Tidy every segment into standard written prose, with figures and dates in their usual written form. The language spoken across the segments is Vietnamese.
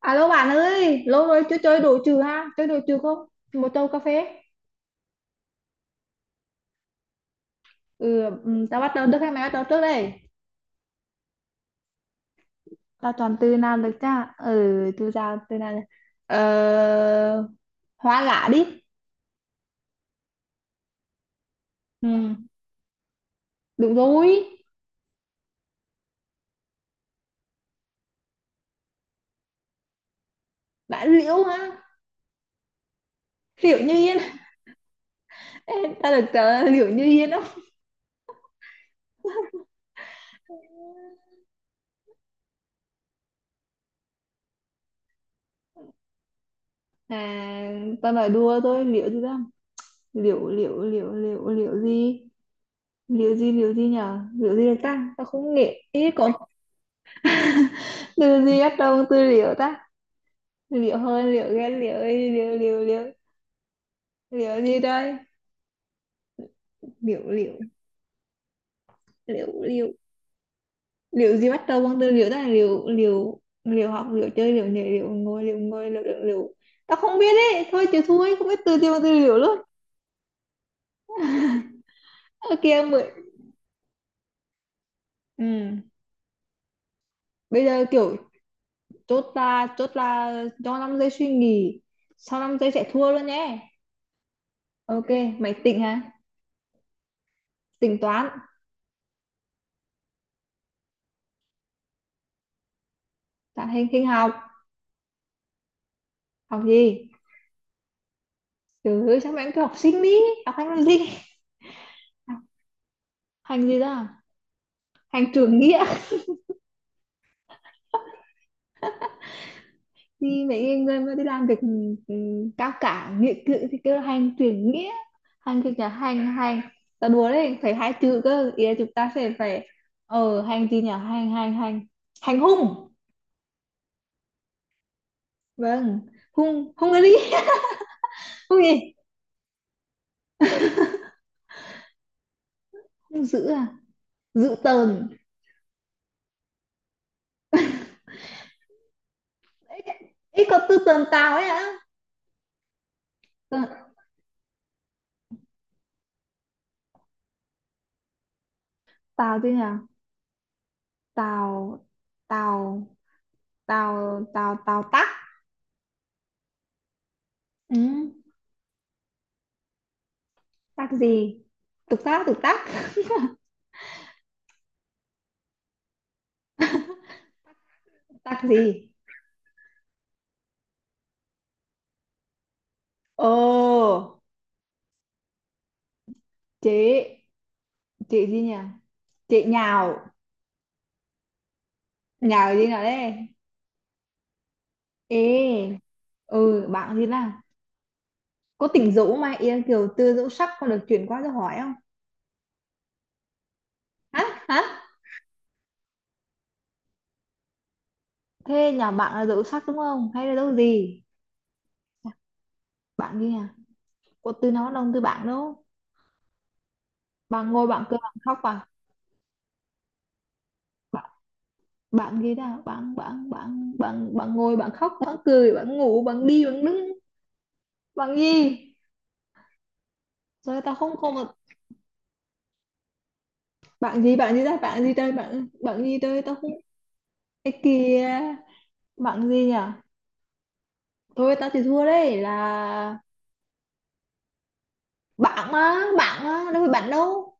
Alo bạn ơi, lâu rồi chưa chơi đồ trừ ha, chơi đồ trừ không? Một tô cà phê. Ừ, ừ, tao bắt đầu được hay mày bắt đầu trước đây? Tao chọn từ nào được cha? Ừ, từ nào, từ nào? Ờ, hoa lạ đi. Ừ, đúng rồi. Bạn liễu ha, liễu như yên. Tao được trả liễu như yên không? À, tao nói đùa thôi, liễu gì đó? Liễu, liễu, liễu, liễu, liễu gì? Liễu gì, liễu gì nhở? Liễu gì được ta? Tao không nghĩ, ý có từ gì bắt đầu từ liễu ta? Liệu hơn, liệu ghét, liệu ấy, liệu liệu liệu, liệu gì đây, liệu liệu liệu liệu liệu gì bắt đầu bằng từ liệu, đó là liệu liệu liệu, học liệu, chơi liệu, nhảy liệu, ngồi liệu, ngồi liệu liệu liệu. Tao không biết đấy, thôi chịu thua ấy, không biết từ gì bằng từ liệu luôn. Ở kia mười. Ừ. Bây giờ kiểu chốt là cho 5 giây suy nghĩ, sau 5 giây sẽ thua luôn nhé. Ok, mày tỉnh hả? Tính toán, tạo hình, hình học. Học gì? Trời ơi, sao mày cứ học sinh đi, học hành làm gì? Học hành gì đó à? Hành trưởng nghĩa, thì mấy người mà đi làm việc, ừ, ừ, cao cả nghĩa cử thì kêu là hành trưởng nghĩa. Hành cái nhà, hành hành. Ta đùa đấy, phải hai chữ cơ, ý là chúng ta sẽ phải. Hành gì nhỉ? Hành hành hành, hành hung. Vâng. Hung hung cái gì. Hung gì? Hung dữ à. Dữ tợn. Ấy, ấy có từ tợn tào ấy hả? Tợn-. Tào gì nhỉ? Tào, tào, tào, tào, tào tắc. Ừ, tắc gì? Tục tác, tục tác. Tác gì? Ồ, chị, chị gì nhỉ? Chị Nhào, Nhào gì nào đấy? Ê, ừ, bạn gì là có tỉnh dỗ mà Yên Kiều tư dỗ sắc con được chuyển qua cho hỏi không? Hả? Hả? Thế nhà bạn là dỗ sắc đúng không? Hay là dỗ gì? Bạn gì nhỉ? Có từ nó đông từ bạn đâu? Bạn ngồi, bạn cười, bạn khóc, bạn, bạn, bạn gì đó, bạn bạn bạn bạn, bạn ngồi, bạn khóc, bạn cười, bạn ngủ, bạn đi, bạn đứng, bạn gì? Rồi tao không, không. Bạn gì, bạn gì ra, bạn gì đây, bạn, bạn gì đây, tao không. Cái kia, bạn gì nhỉ? Thôi tao chỉ thua đấy là bạn á, đâu phải bạn đâu.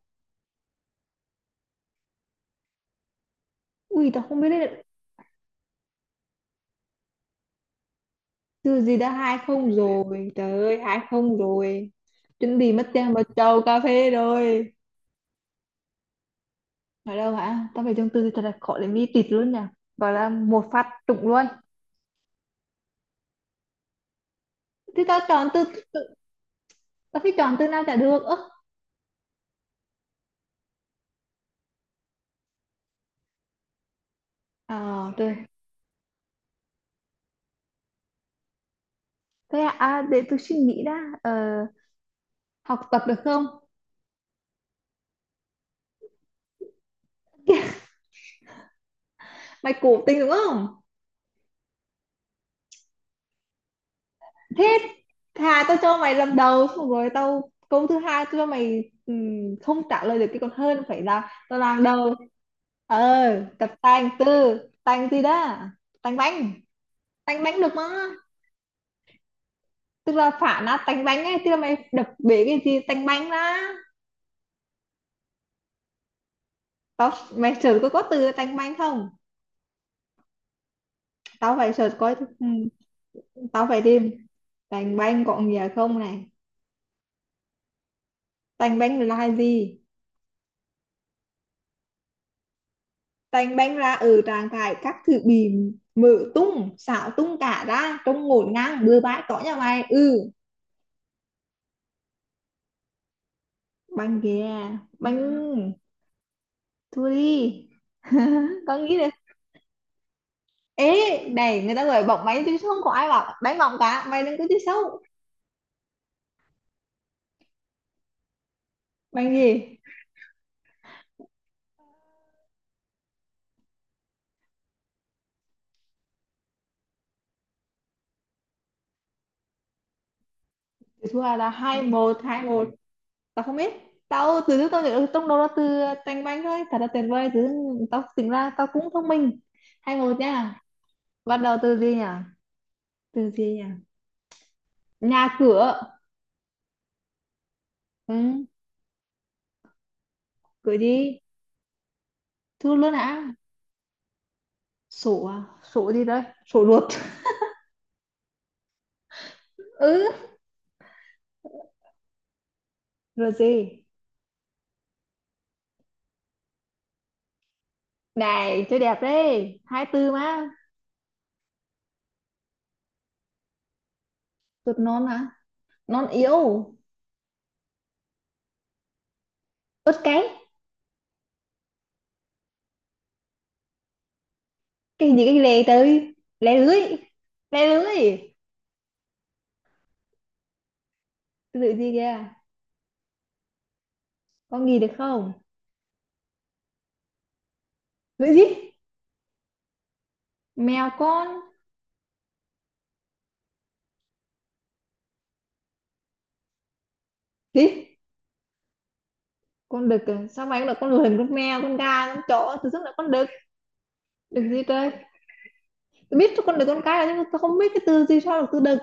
Ui tao không biết đấy. Từ gì đã, hai không rồi. Trời ơi, hai không rồi. Chuẩn bị mất tiền vào chầu cà phê rồi. Ở đâu hả? Tao phải chọn từ thật là khó để mi tịt luôn nhỉ. Gọi là một phát trúng luôn. Thì tao chọn từ, tao phải chọn từ nào chả được. Ơ. Ờ trời. Thế à, à để tôi suy nghĩ đã. Ờ, học tập được không? Mày cố tình đúng không? Thế thà tao cho mày lần đầu xong rồi tao câu thứ hai tao cho mày, không trả lời được cái còn hơn phải là tao làm đầu. Ờ tập tành, từ tành gì đó. Tành bánh, tành bánh được mà. Tức là phản á, tành bánh ấy, tức là mày đập bể cái gì tành bánh ra. Tao, mày search có từ tành bánh không, tao phải search coi. ừm, Tao phải tìm tành bánh có nghĩa không này, tành bánh là gì. Tành banh ra ở trạng thái các thứ bị mở tung xạo, tung cả ra trông ngổn ngang bừa bãi có nhà mày. Ừ banh kìa, banh thua đi. Con nghĩ được. Ê này, người ta gọi bóng máy chứ không có ai bảo đánh bóng cả, mày đừng có chơi xấu. Banh gì? Thì thua là hai một, hai một. Tao không biết, tao từ lúc tao nhớ, ừ, trong đầu là từ tành banh thôi, thật là tuyệt vời. Từ tao tính ra tao cũng thông minh, hai một nha. Bắt đầu từ gì nhỉ? Từ gì nhỉ? Nhà cửa. Ừ, gửi đi. Thưa luôn hả? Sổ à? Sổ gì đấy? Sổ ruột. Ừ, rồi gì? Này, chơi đẹp đấy. Hai tư mà. Ruột non mà. Non yếu. Ướt cái. Cái gì cái lề tới. Lè lưới. Lè lưới. Cái lưỡi gì kìa? Con gì được không? Lưỡi gì? Mèo con. Gì? Con đực à? Sao mày cũng là con lười, con mèo, con gà, con chó. Từ rất là con đực. Đực gì trời? Tôi biết con đực con cái là, nhưng mà tôi không biết cái từ gì sao được từ đực.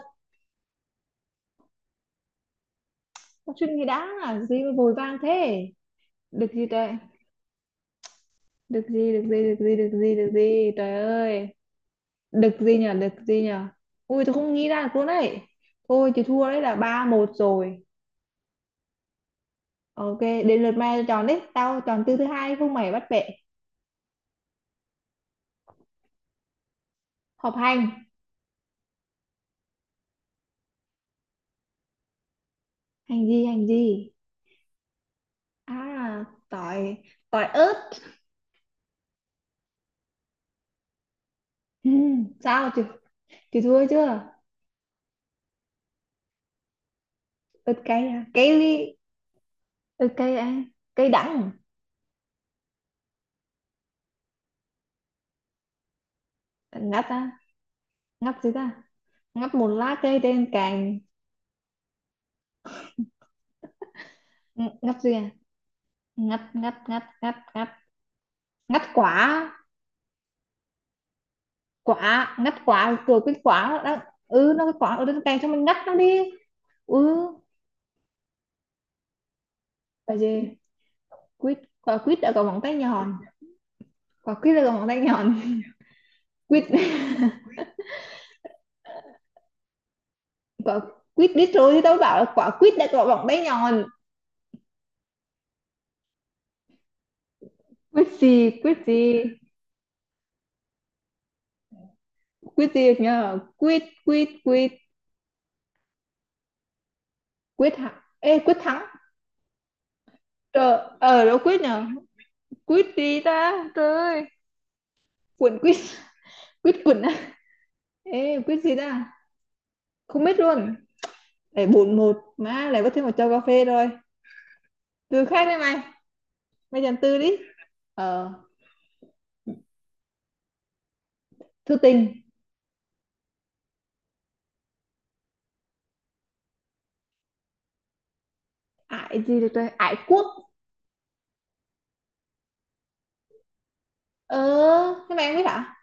Con chuyện gì đã? Gì mà vội vàng thế? Được gì trời, được gì, được gì, được gì, được gì, được gì trời ơi, được gì nhở, được gì nhở. Ui tôi không nghĩ ra được luôn đấy. Thôi chị thua đấy là ba một rồi. Ok, đến lượt mày chọn đấy, tao chọn từ thứ hai không mày bắt bẻ. Họp hành. Hành gì, hành gì? À tỏi. Tỏi ớt. Sao chị thua chưa? Ớt cay à, cay ly? Ớt cay à. Cay đắng. Ngắt à, ngắt gì ta, ngắt một lá cây trên cành. Ng- ngắt gì à? Ngắt ngắt ngắt ngắt ngắt, ngắt quả. Quả ngắt quả rồi, quýt quả đó. Ừ, nó cái quả ở trên tay cho mình ngắt nó đi. Ừ. Là gì? Quýt, quả quýt đã có móng tay nhọn. Quả quýt đã có móng tay nhọn. Quýt, quả quýt biết rồi, thì tao bảo là quả quýt đã có móng tay nhọn. Quýt gì, quýt gì. Quýt gì nhờ, quýt quýt quýt, quýt thắng, ê quýt thắng. Trời, ở đâu quýt nhờ. Quýt gì ta trời ơi. Quýt quýt, quýt quýt à. Ê quýt gì ta, không biết luôn. Để bụn một má lại có thêm một chầu cà phê rồi. Từ khác đấy mày, mày dần từ đi. Ờ thư tình. Ải gì được rồi, ải quốc. Ờ, thế mày không biết hả?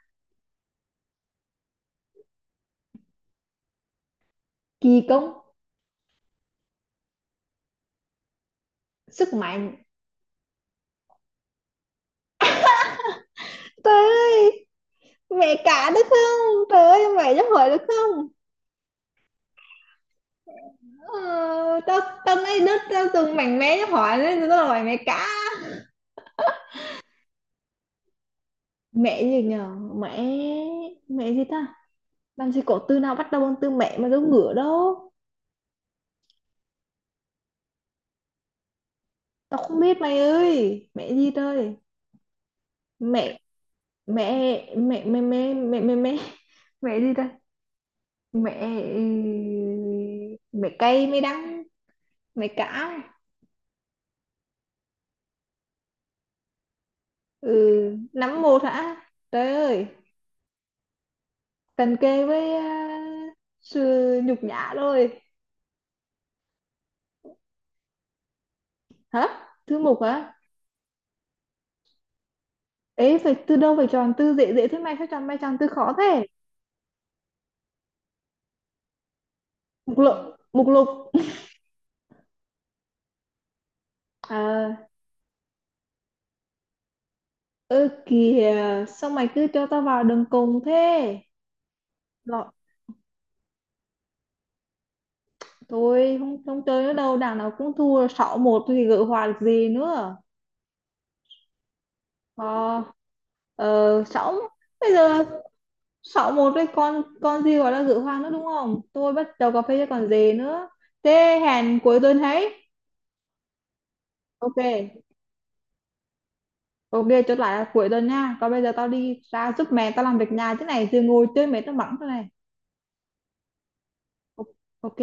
Kỳ công. Sức mạnh. Trời ơi, mẹ cả được không trời ơi, mày giúp hỏi được không? Ờ, tao, tao lấy đứt tao từng mảnh mé giúp hỏi nên tao hỏi mẹ cả. Mẹ gì nhờ, mẹ, mẹ gì ta. Làm gì có từ nào bắt đầu bằng từ mẹ mà giống ngửa đâu. Tao không biết mày ơi, mẹ gì trời. Mẹ mẹ mẹ mẹ mẹ mẹ mẹ mẹ, mẹ gì ta. Mẹ, mẹ cay, mẹ đắng, mẹ cả. Ừ, nắm một hả. Trời ơi, cần kề với à, sự nhục nhã rồi. Hả, thứ mục hả? Ấy phải từ đâu phải chọn từ dễ dễ thế, mày phải chọn, mày chọn từ khó thế. Mục lục, mục lục à. Ơ kìa, sao mày cứ cho tao vào đường cùng thế. Lo, thôi không, không chơi nữa đâu, đảng nào cũng thua 6 một thì gỡ hòa được gì nữa. Ờ ờ, 6 bây giờ, 6 một với con gì gọi là gỡ hòa nữa đúng không? Tôi bắt đầu cà phê chứ còn gì nữa. Thế hẹn cuối tuần ấy. Ok. Ok, chốt lại là cuối tuần nha. Còn bây giờ tao đi ra giúp mẹ tao làm việc nhà, thế này rồi ngồi chơi mẹ tao mắng thế này. Ok.